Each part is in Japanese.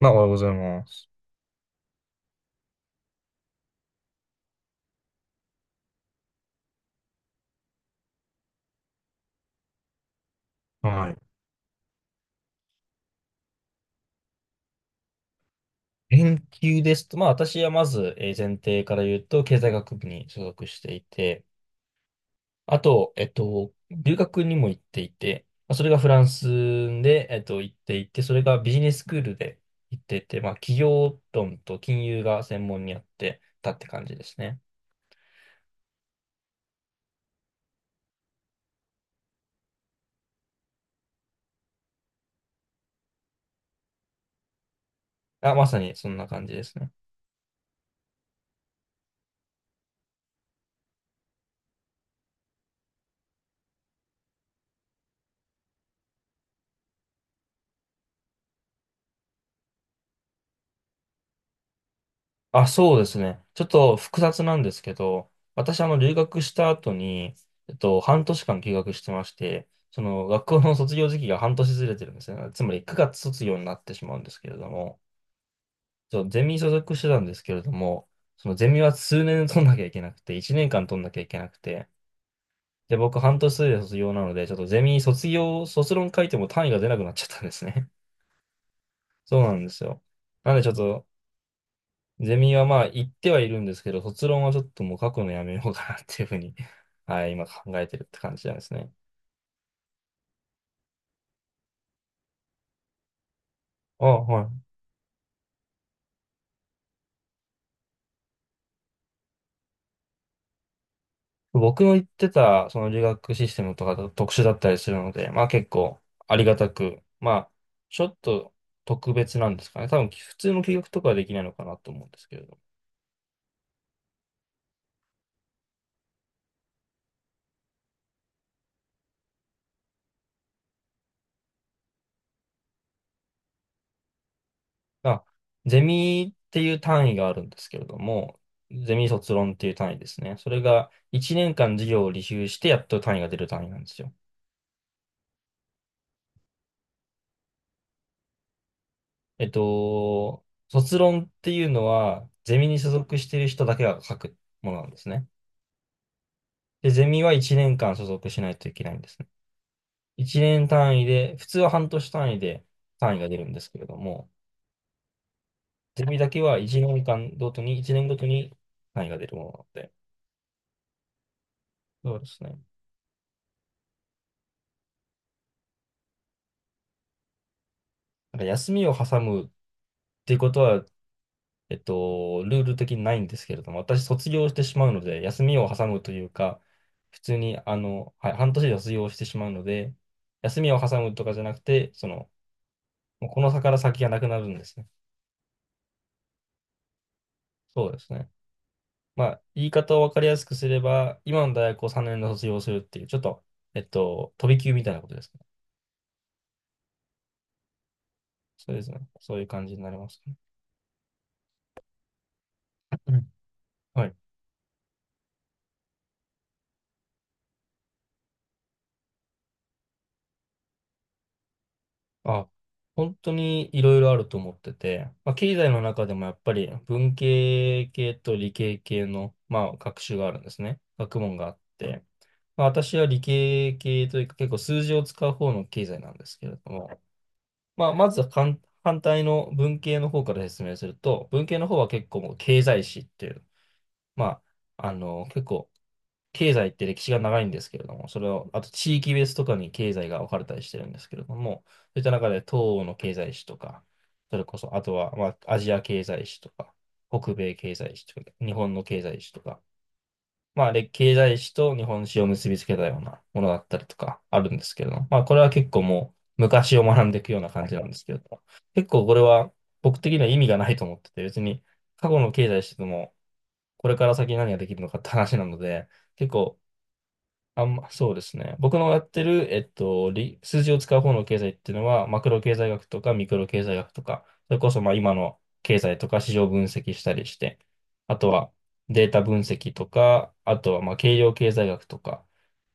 まあ、おはようございます。はい。研究ですと、まあ、私はまず、前提から言うと、経済学部に所属していて、あと、留学にも行っていて、まあ、それがフランスで、行っていて、それがビジネススクールで行っていて、まあ、企業論と金融が専門にあってたって感じですね。あ、まさにそんな感じですね。あ、そうですね。ちょっと複雑なんですけど、私、留学した後に、半年間休学してまして、学校の卒業時期が半年ずれてるんですね。つまり、9月卒業になってしまうんですけれども、ゼミ所属してたんですけれども、そのゼミは数年取んなきゃいけなくて、1年間取んなきゃいけなくて、で、僕、半年で卒業なので、ちょっとゼミ卒業、卒論書いても単位が出なくなっちゃったんですね。そうなんですよ。なんで、ちょっと、ゼミはまあ行ってはいるんですけど、卒論はちょっともう書くのやめようかなっていうふうに はい、今考えてるって感じなんですね。あ、はい。僕の言ってた、その留学システムとかだと特殊だったりするので、まあ結構ありがたく、まあ、ちょっと特別なんですかね。多分普通の休学とかはできないのかなと思うんですけれど。あ、ゼミっていう単位があるんですけれども、ゼミ卒論っていう単位ですね。それが1年間授業を履修してやっと単位が出る単位なんですよ。卒論っていうのは、ゼミに所属している人だけが書くものなんですね。で、ゼミは1年間所属しないといけないんですね。1年単位で、普通は半年単位で単位が出るんですけれども、ゼミだけは1年間ごとに、1年ごとに単位が出るものなので、そうですね。なんか休みを挟むっていうことは、ルール的にないんですけれども、私卒業してしまうので、休みを挟むというか、普通に、はい、半年で卒業してしまうので、休みを挟むとかじゃなくて、もうこの差から先がなくなるんですね。そうですね。まあ、言い方を分かりやすくすれば、今の大学を3年で卒業するっていう、ちょっと、飛び級みたいなことですね。そうですね。そういう感じになりますね。うん。はい。あ、本当にいろいろあると思ってて、まあ、経済の中でもやっぱり文系系と理系系の、まあ、学習があるんですね。学問があって、まあ、私は理系系というか結構数字を使う方の経済なんですけれども、まあ、まずは反対の文系の方から説明すると、文系の方は結構もう経済史っていう、まあ、結構経済って歴史が長いんですけれども、それを、あと地域別とかに経済が分かれたりしてるんですけれども、そういった中で東欧の経済史とか、それこそ、あとは、まあ、アジア経済史とか、北米経済史とか、日本の経済史とか、まあ、経済史と日本史を結びつけたようなものだったりとかあるんですけれども、まあ、これは結構もう昔を学んでいくような感じなんですけれども、結構これは僕的には意味がないと思ってて、別に過去の経済史でも、これから先何ができるのかって話なので、結構、そうですね。僕のやってる、数字を使う方の経済っていうのは、マクロ経済学とかミクロ経済学とか、それこそまあ今の経済とか市場分析したりして、あとはデータ分析とか、あとはまあ計量経済学とか、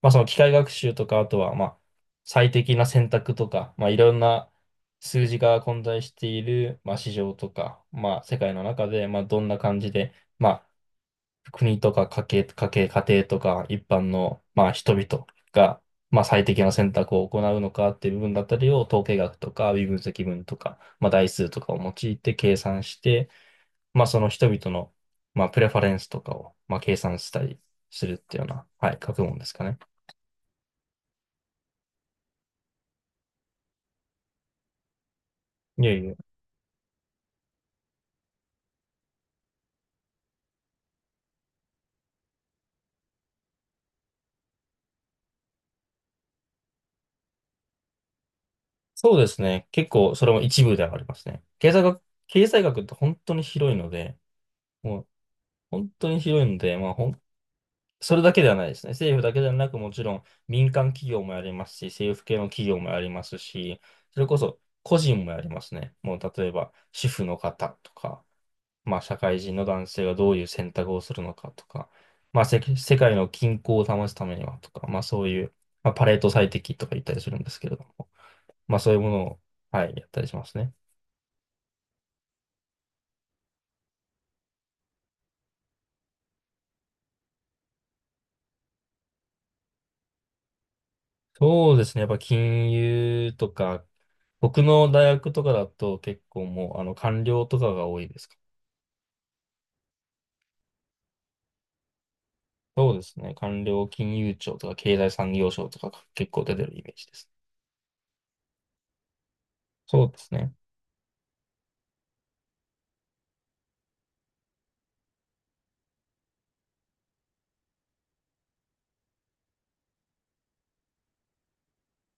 まあその機械学習とか、あとはまあ最適な選択とか、まあいろんな数字が混在している、まあ市場とか、まあ世界の中で、まあどんな感じで、まあ国とか家庭とか一般の、まあ、人々が、まあ、最適な選択を行うのかっていう部分だったりを統計学とか微分積分とか、まあ、代数とかを用いて計算して、まあ、その人々の、まあ、プレファレンスとかを、まあ、計算したりするっていうような、はい、学問ですかね。いやいや。そうですね。結構それも一部ではありますね。経済学って本当に広いので、もう本当に広いので、まあ、それだけではないですね。政府だけではなく、もちろん民間企業もやりますし、政府系の企業もやりますし、それこそ個人もやりますね。もう例えば主婦の方とか、まあ社会人の男性がどういう選択をするのかとか、まあ世界の均衡を保つためにはとか、まあそういう、まあ、パレート最適とか言ったりするんですけれども、まあそういうものを、はい、やったりしますね。そうですね。やっぱ金融とか、僕の大学とかだと結構もう官僚とかが多いですかね。そうですね。官僚金融庁とか経済産業省とかが結構出てるイメージです。そうですね。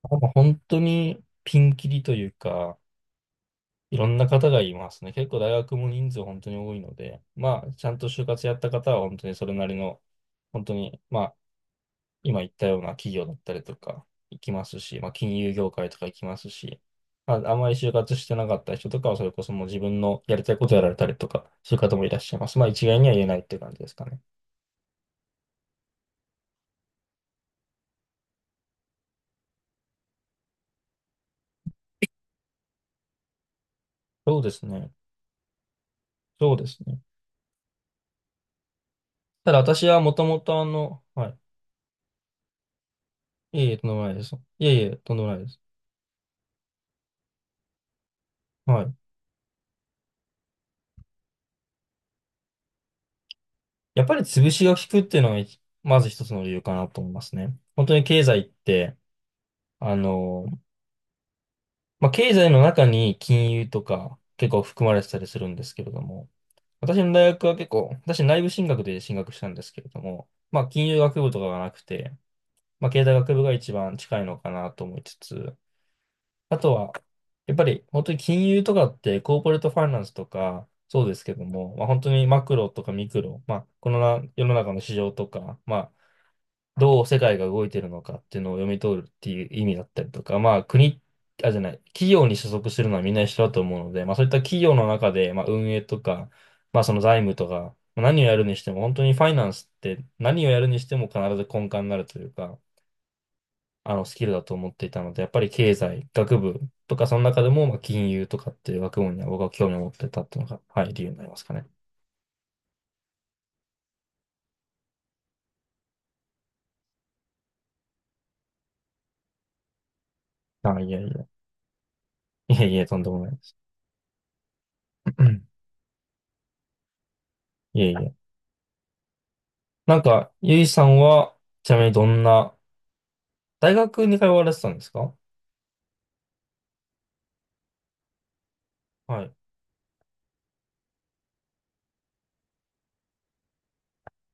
まあもう本当にピンキリというか、いろんな方がいますね。結構大学も人数本当に多いので、まあ、ちゃんと就活やった方は本当にそれなりの、本当に、まあ、今言ったような企業だったりとか行きますし、まあ、金融業界とか行きますし、まあ、あんまり就活してなかった人とかはそれこそもう自分のやりたいことやられたりとか、そういう方もいらっしゃいます。まあ、一概には言えないっていう感じですかね。そうですね。そうですね。ただ私はもともとはい。いえいえ、とんでもないです。いえいえ、とんでもないです。はい。やっぱり潰しが効くっていうのがまず一つの理由かなと思いますね。本当に経済って、あの、まあ、経済の中に金融とか結構含まれてたりするんですけれども、私の大学は結構、私内部進学で進学したんですけれども、まあ、金融学部とかがなくて、まあ、経済学部が一番近いのかなと思いつつ、あとは、やっぱり本当に金融とかってコーポレートファイナンスとかそうですけども、まあ、本当にマクロとかミクロ、まあ、このな世の中の市場とか、まあ、どう世界が動いてるのかっていうのを読み取るっていう意味だったりとか、まあ、国、あ、じゃない、企業に所属するのはみんな一緒だと思うので、まあ、そういった企業の中で、まあ、運営とか、まあ、その財務とか、まあ何をやるにしても、本当にファイナンスって何をやるにしても必ず根幹になるというか、あのスキルだと思っていたので、やっぱり経済、学部とか、その中でも、まあ、金融とかっていう学問には僕は興味を持ってたっていうのが、はい、理由になりますかね。あ、いやいや。いえいえ、とんでもないです。いえいえ。なんか、ゆいさんは、ちなみにどんな、大学に通われてたんですか？はい。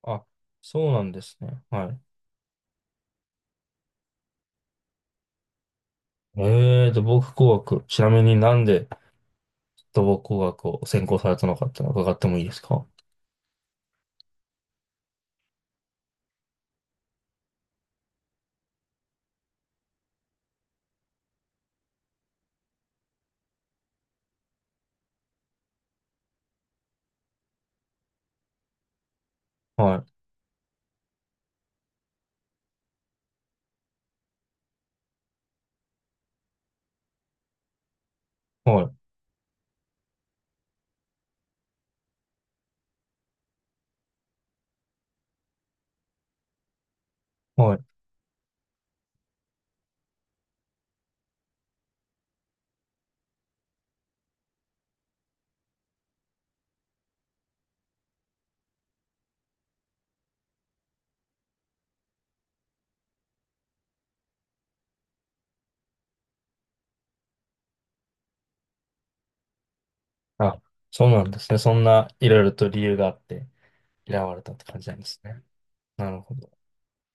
あ、そうなんですね。はい。土木工学。ちなみになんで土木工学を専攻されたのかっていうのを伺ってもいいですか？はい。はい。はい。あ、そうなんですね。そんないろいろと理由があって嫌われたって感じなんですね。なるほど。